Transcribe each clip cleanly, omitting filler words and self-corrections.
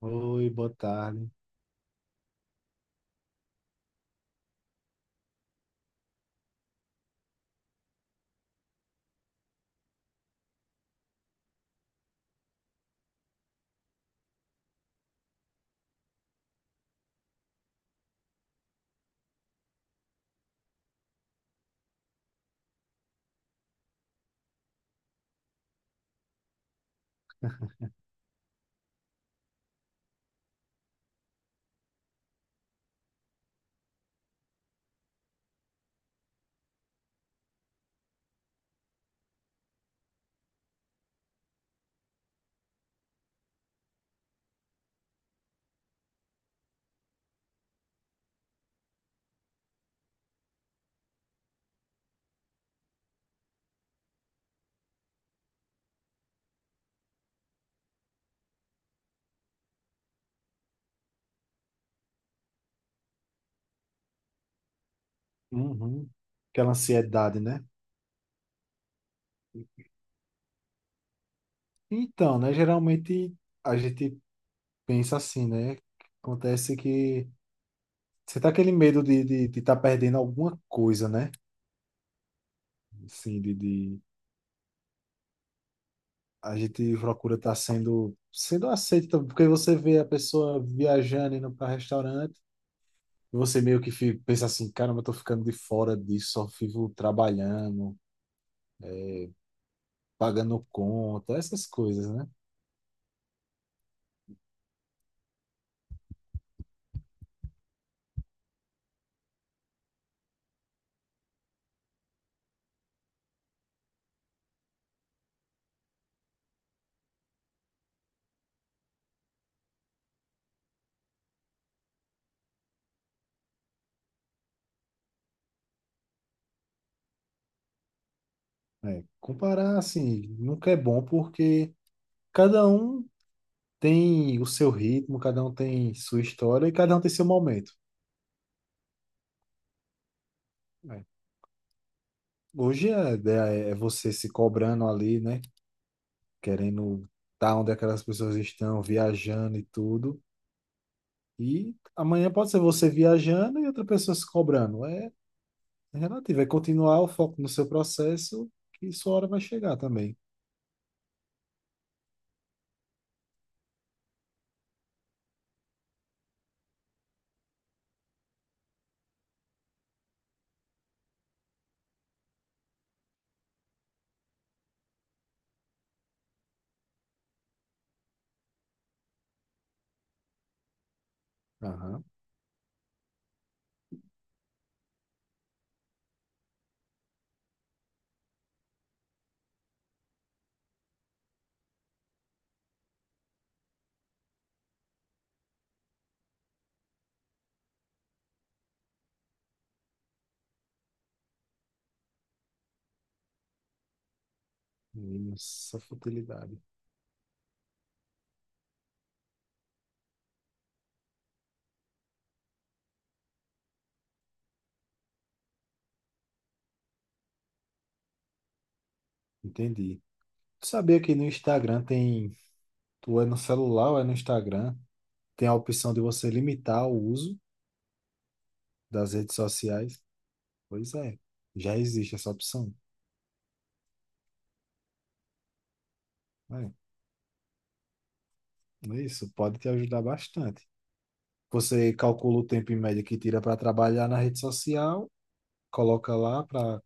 Oi, boa tarde. Uhum. Aquela ansiedade, né? Então, né? Geralmente a gente pensa assim, né? Acontece que você tá aquele medo de estar de tá perdendo alguma coisa, né? Assim, A gente procura estar sendo aceito, porque você vê a pessoa viajando, indo para restaurante, e você meio que fica, pensa assim, caramba, eu tô ficando de fora disso, só vivo trabalhando, pagando conta, essas coisas, né? É, comparar, assim, nunca é bom porque cada um tem o seu ritmo, cada um tem sua história e cada um tem seu momento. Né? Hoje a ideia é você se cobrando ali, né? Querendo estar onde aquelas pessoas estão, viajando e tudo. E amanhã pode ser você viajando e outra pessoa se cobrando. É relativo, é continuar o foco no seu processo que sua hora vai chegar também. Aham, essa futilidade. Entendi. Tu sabia que no Instagram tem. Tu é no celular ou é no Instagram? Tem a opção de você limitar o uso das redes sociais. Pois é, já existe essa opção. Né? É, isso pode te ajudar bastante. Você calcula o tempo em média que tira para trabalhar na rede social, coloca lá para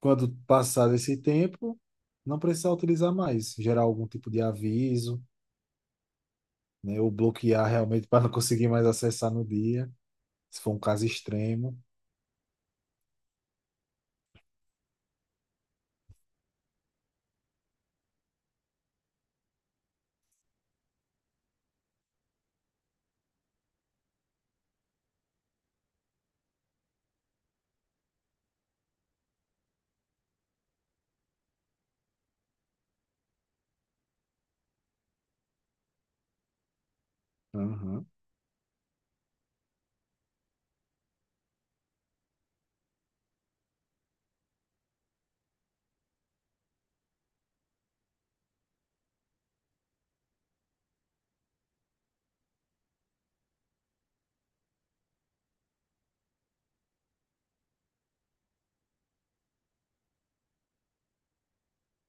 quando passar desse tempo, não precisar utilizar mais, gerar algum tipo de aviso, né, ou bloquear realmente para não conseguir mais acessar no dia, se for um caso extremo. Aham.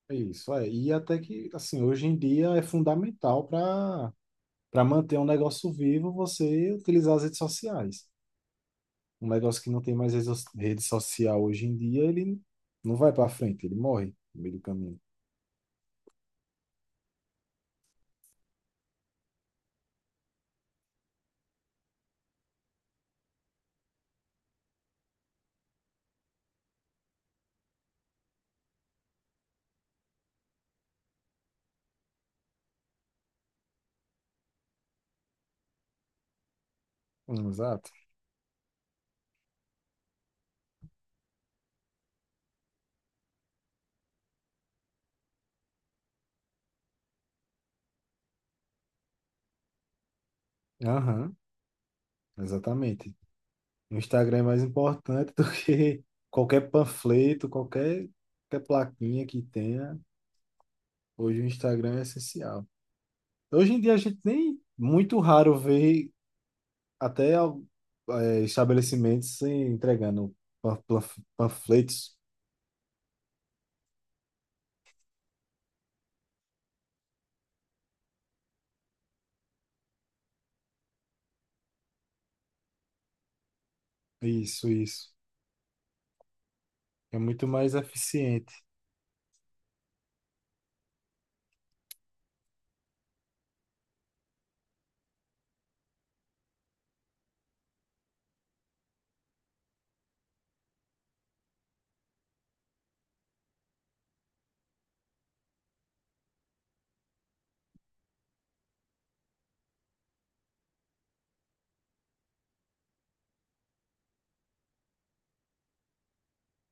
É isso, é. E até que, assim, hoje em dia é fundamental para, para manter um negócio vivo, você utilizar as redes sociais. Um negócio que não tem mais redes so- rede social hoje em dia, ele não vai para frente, ele morre no meio do caminho. Exato. Aham, exatamente. O Instagram é mais importante do que qualquer panfleto, qualquer, qualquer plaquinha que tenha. Hoje o Instagram é essencial. Hoje em dia a gente nem muito raro vê até al- estabelecimentos entregando pan- plan- panfletos. Isso, isso. É muito mais eficiente.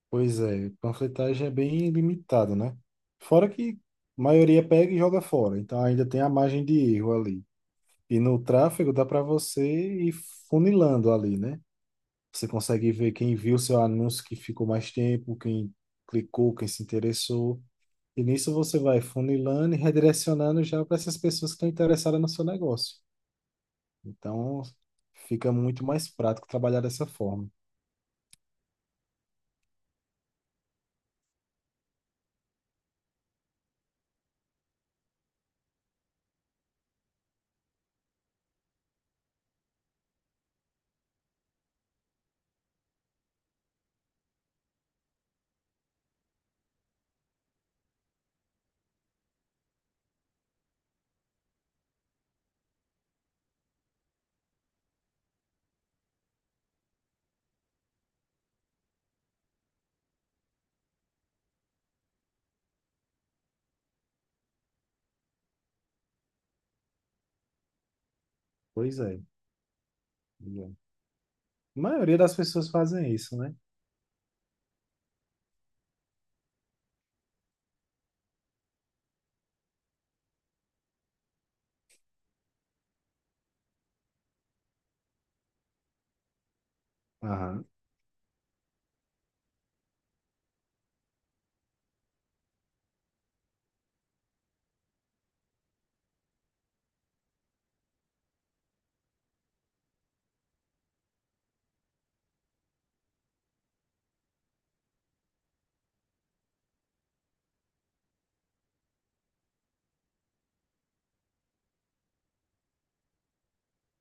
Pois é, panfletagem é bem limitada, né? Fora que a maioria pega e joga fora, então ainda tem a margem de erro ali. E no tráfego dá para você ir funilando ali, né? Você consegue ver quem viu seu anúncio que ficou mais tempo, quem clicou, quem se interessou. E nisso você vai funilando e redirecionando já para essas pessoas que estão interessadas no seu negócio. Então fica muito mais prático trabalhar dessa forma. Pois é. A maioria das pessoas fazem isso, né? Aham,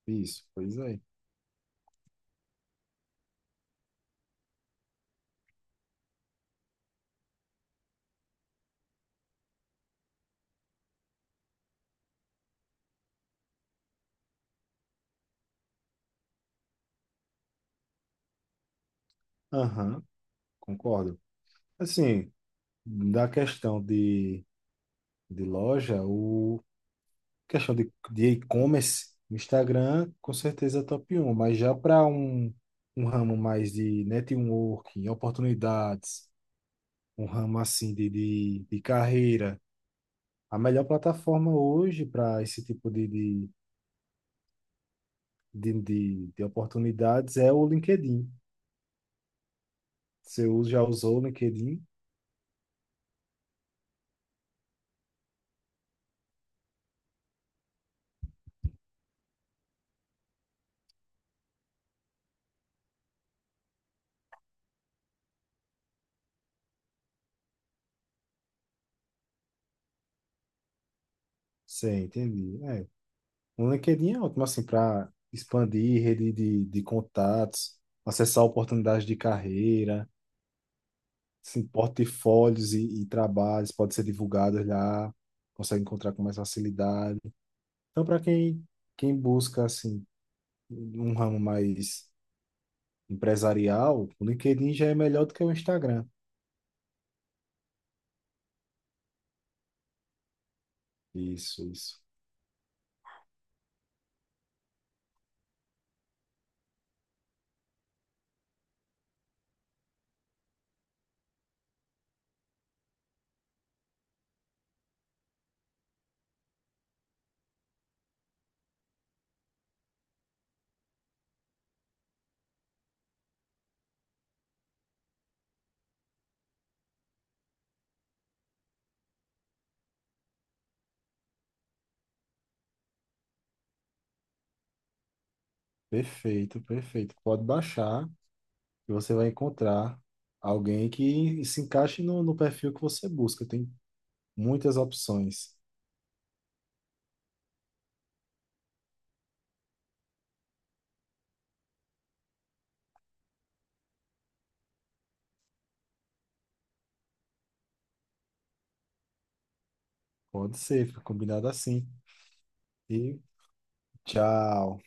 isso, pois é. Aham, concordo. Assim, da questão de loja, o questão de e-commerce, o Instagram, com certeza é top um. Mas já para um, um ramo mais de networking, oportunidades, um ramo assim de carreira, a melhor plataforma hoje para esse tipo de oportunidades é o LinkedIn. Você já usou o LinkedIn? Sei, entendi. É, um LinkedIn é ótimo, assim, para expandir rede de contatos, acessar oportunidades de carreira, assim, portfólios e trabalhos podem ser divulgados lá, consegue encontrar com mais facilidade. Então, para quem, quem busca, assim, um ramo mais empresarial, o LinkedIn já é melhor do que o Instagram. Isso, isso. Perfeito, perfeito. Pode baixar e você vai encontrar alguém que se encaixe no, no perfil que você busca. Tem muitas opções. Pode ser, fica combinado assim. E tchau.